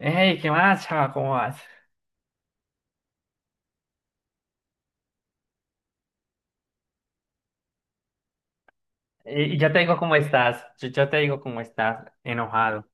Hey, ¿qué más, chava? ¿Cómo vas? Y yo te digo cómo estás. Yo te digo cómo estás, enojado.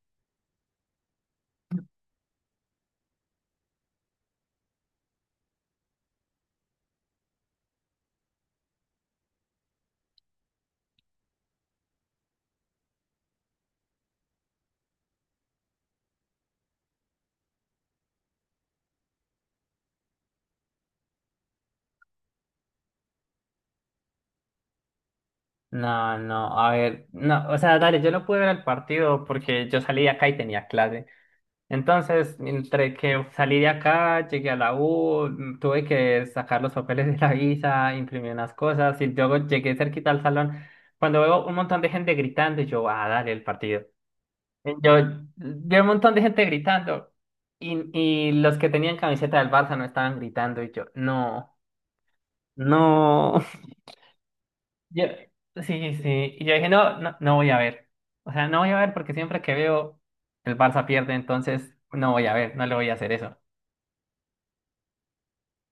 No, no, a ver, no, o sea, dale, yo no pude ver el partido porque yo salí de acá y tenía clase. Entonces, entre que salí de acá, llegué a la U, tuve que sacar los papeles de la visa, imprimir unas cosas y luego llegué cerquita al salón. Cuando veo un montón de gente gritando, yo, ah, dale, el partido. Yo vi un montón de gente gritando y, y los que tenían camiseta del Barça no estaban gritando y yo, no, no. Yo, sí, sí, y yo dije, no, no, no voy a ver, o sea, no voy a ver porque siempre que veo el Barça pierde, entonces no voy a ver, no le voy a hacer eso.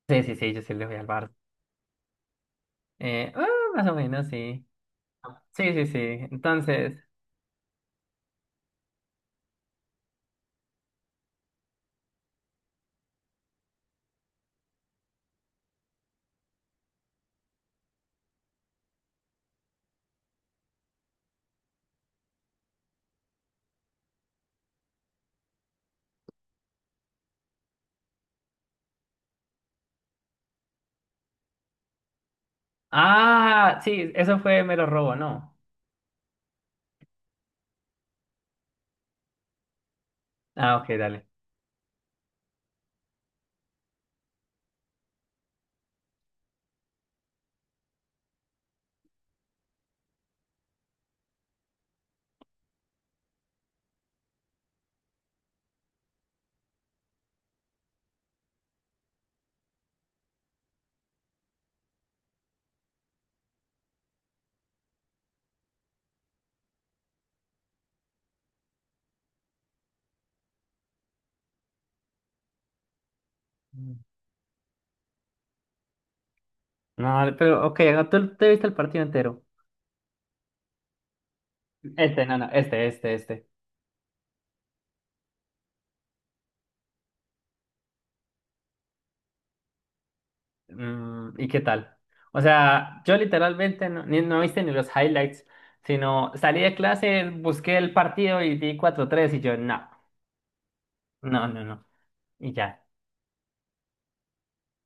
Sí, sí, sí, yo sí le voy al Barça. Eh, ah, más o menos, sí. Sí, sí, sí, entonces, ah, sí, eso fue mero robo, ¿no? Ah, ok, dale. Mm. No, dale, pero ok, no, tú te viste el partido entero. Este, no, no, este, este, este. Mm, ¿y qué tal? O sea, yo literalmente no, no viste ni los highlights, sino salí de clase, busqué el partido y di cuatro tres y yo, no, no, no, no. Y ya.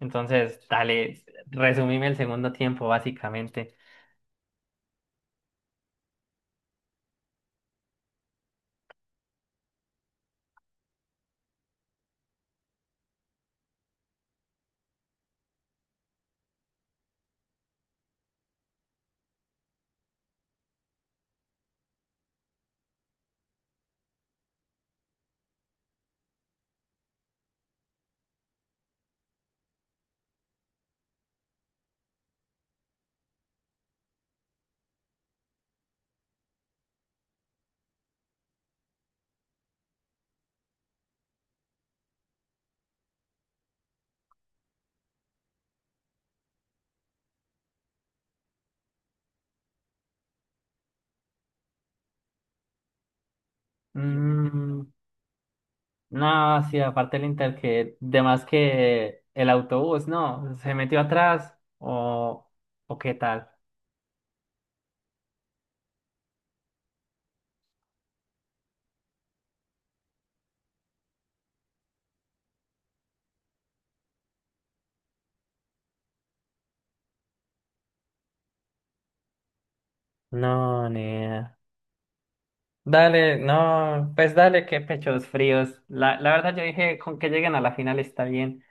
Entonces, dale, resumime el segundo tiempo, básicamente. Mm, no, sí, aparte el Inter, que de más que el autobús, no, se metió atrás o qué tal. No, ni idea. Dale, no, pues dale, qué pechos fríos. La verdad yo dije con que lleguen a la final está bien,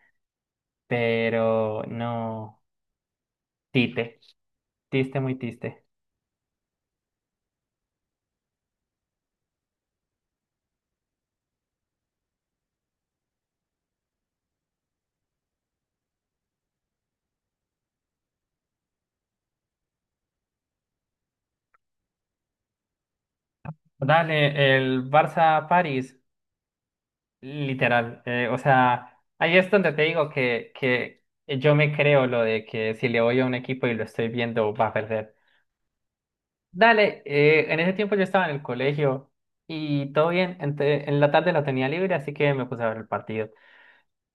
pero no, tite, tiste muy tiste. Dale, el Barça-París, literal, o sea, ahí es donde te digo que yo me creo lo de que si le voy a un equipo y lo estoy viendo va a perder. Dale, en ese tiempo yo estaba en el colegio y todo bien, en la tarde la tenía libre, así que me puse a ver el partido.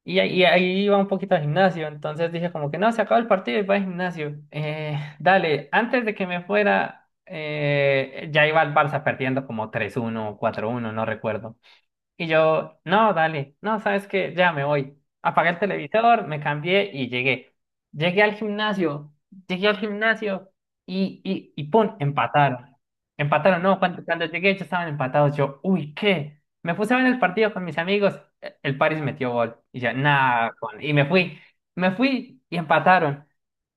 Y, y ahí iba un poquito al gimnasio, entonces dije como que no, se acabó el partido y va al gimnasio. Dale, antes de que me fuera, ya iba el Barça perdiendo como tres uno o cuatro uno no recuerdo. Y yo, no, dale, no, sabes que ya me voy. Apagué el televisor, me cambié y llegué. Llegué al gimnasio, llegué al gimnasio y pum, empataron. Empataron, no, cuando, cuando llegué ya estaban empatados. Yo, uy, ¿qué? Me puse a ver el partido con mis amigos, el Paris metió gol. Y yo, nada, y me fui y empataron.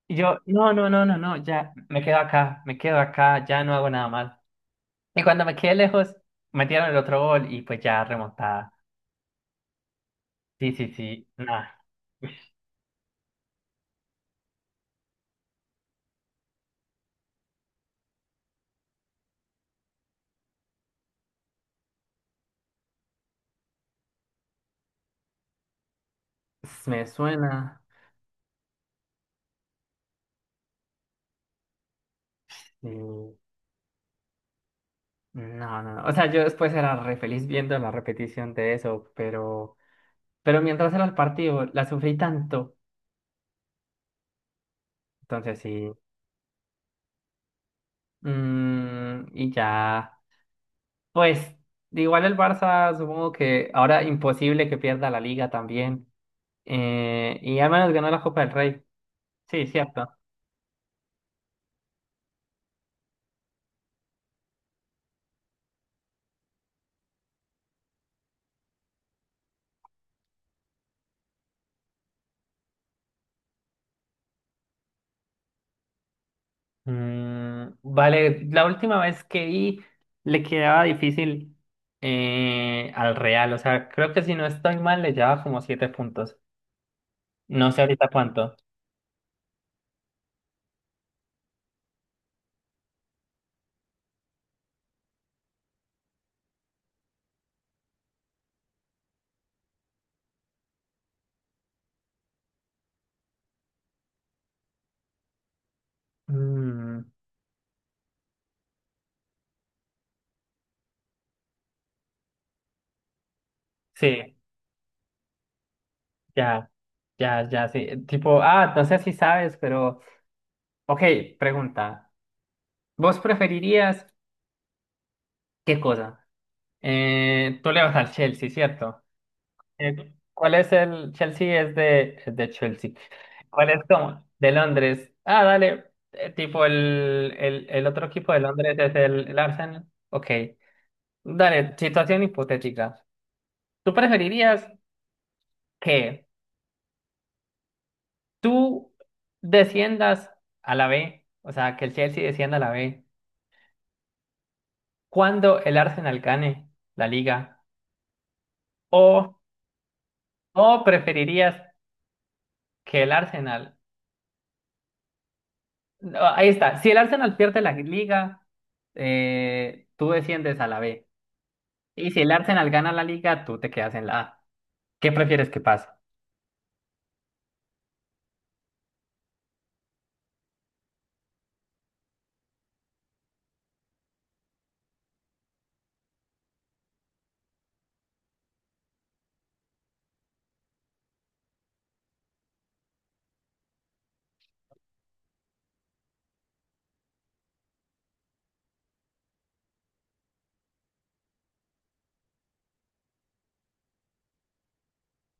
Y yo, no, no, no, no, no, ya me quedo acá, ya no hago nada más. Y cuando me quedé lejos, metieron el otro gol y pues ya remontada. Sí, sí, sí, nada, me suena. Sí, no, no, no. O sea, yo después era re feliz viendo la repetición de eso, pero mientras era el partido, la sufrí tanto. Entonces sí. Mm, y ya. Pues, igual el Barça, supongo que ahora imposible que pierda la liga también. Y al menos ganó la Copa del Rey. Sí, cierto. Mm, vale, la última vez que vi le quedaba difícil al Real, o sea, creo que si no estoy mal le llevaba como 7 puntos. No sé ahorita cuánto. Mm, sí, ya, ya, sí. Tipo, ah, no sé si sabes, pero, ok, pregunta. ¿Vos preferirías qué cosa? Tú le vas al Chelsea, ¿cierto? ¿Cuál es el Chelsea? Es de Chelsea. ¿Cuál es como? De Londres. Ah, dale. Tipo el otro equipo de Londres es el Arsenal. Ok. Dale, situación hipotética. ¿Tú preferirías que tú desciendas a la B? O sea, que el Chelsea descienda a la B cuando el Arsenal gane la liga. O, o preferirías que el Arsenal no, ahí está. Si el Arsenal pierde la liga, tú desciendes a la B. Y si el Arsenal gana la liga, tú te quedas en la A. ¿Qué prefieres que pase?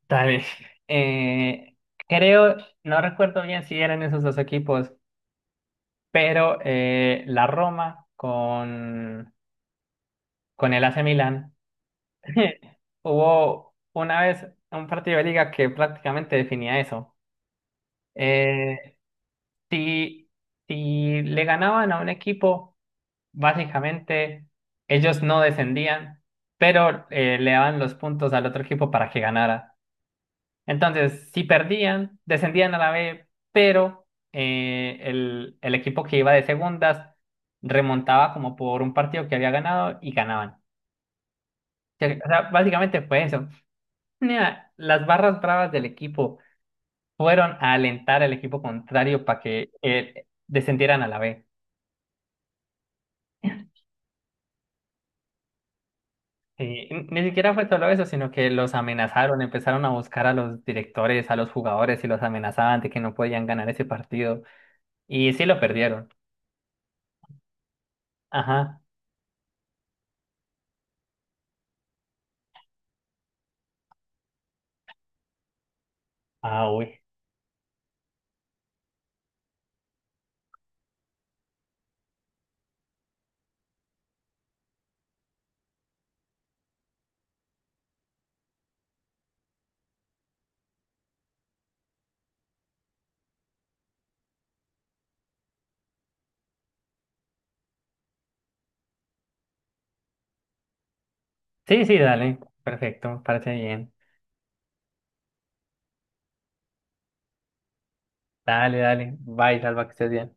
Dale. Eh, creo, no recuerdo bien si eran esos dos equipos, pero la Roma con el AC Milan hubo una vez un partido de liga que prácticamente definía eso. Eh, si, si le ganaban a un equipo básicamente, ellos no descendían, pero le daban los puntos al otro equipo para que ganara. Entonces, si perdían, descendían a la B, pero el equipo que iba de segundas remontaba como por un partido que había ganado y ganaban. O sea, básicamente fue eso. Nea, las barras bravas del equipo fueron a alentar al equipo contrario para que descendieran a la B. Sí, ni siquiera fue solo eso, sino que los amenazaron, empezaron a buscar a los directores, a los jugadores y los amenazaban de que no podían ganar ese partido. Y sí lo perdieron. Ajá. Ah, uy. Sí, sí, dale. Perfecto, me parece bien. Dale, dale. Bye, Salva, que estés bien.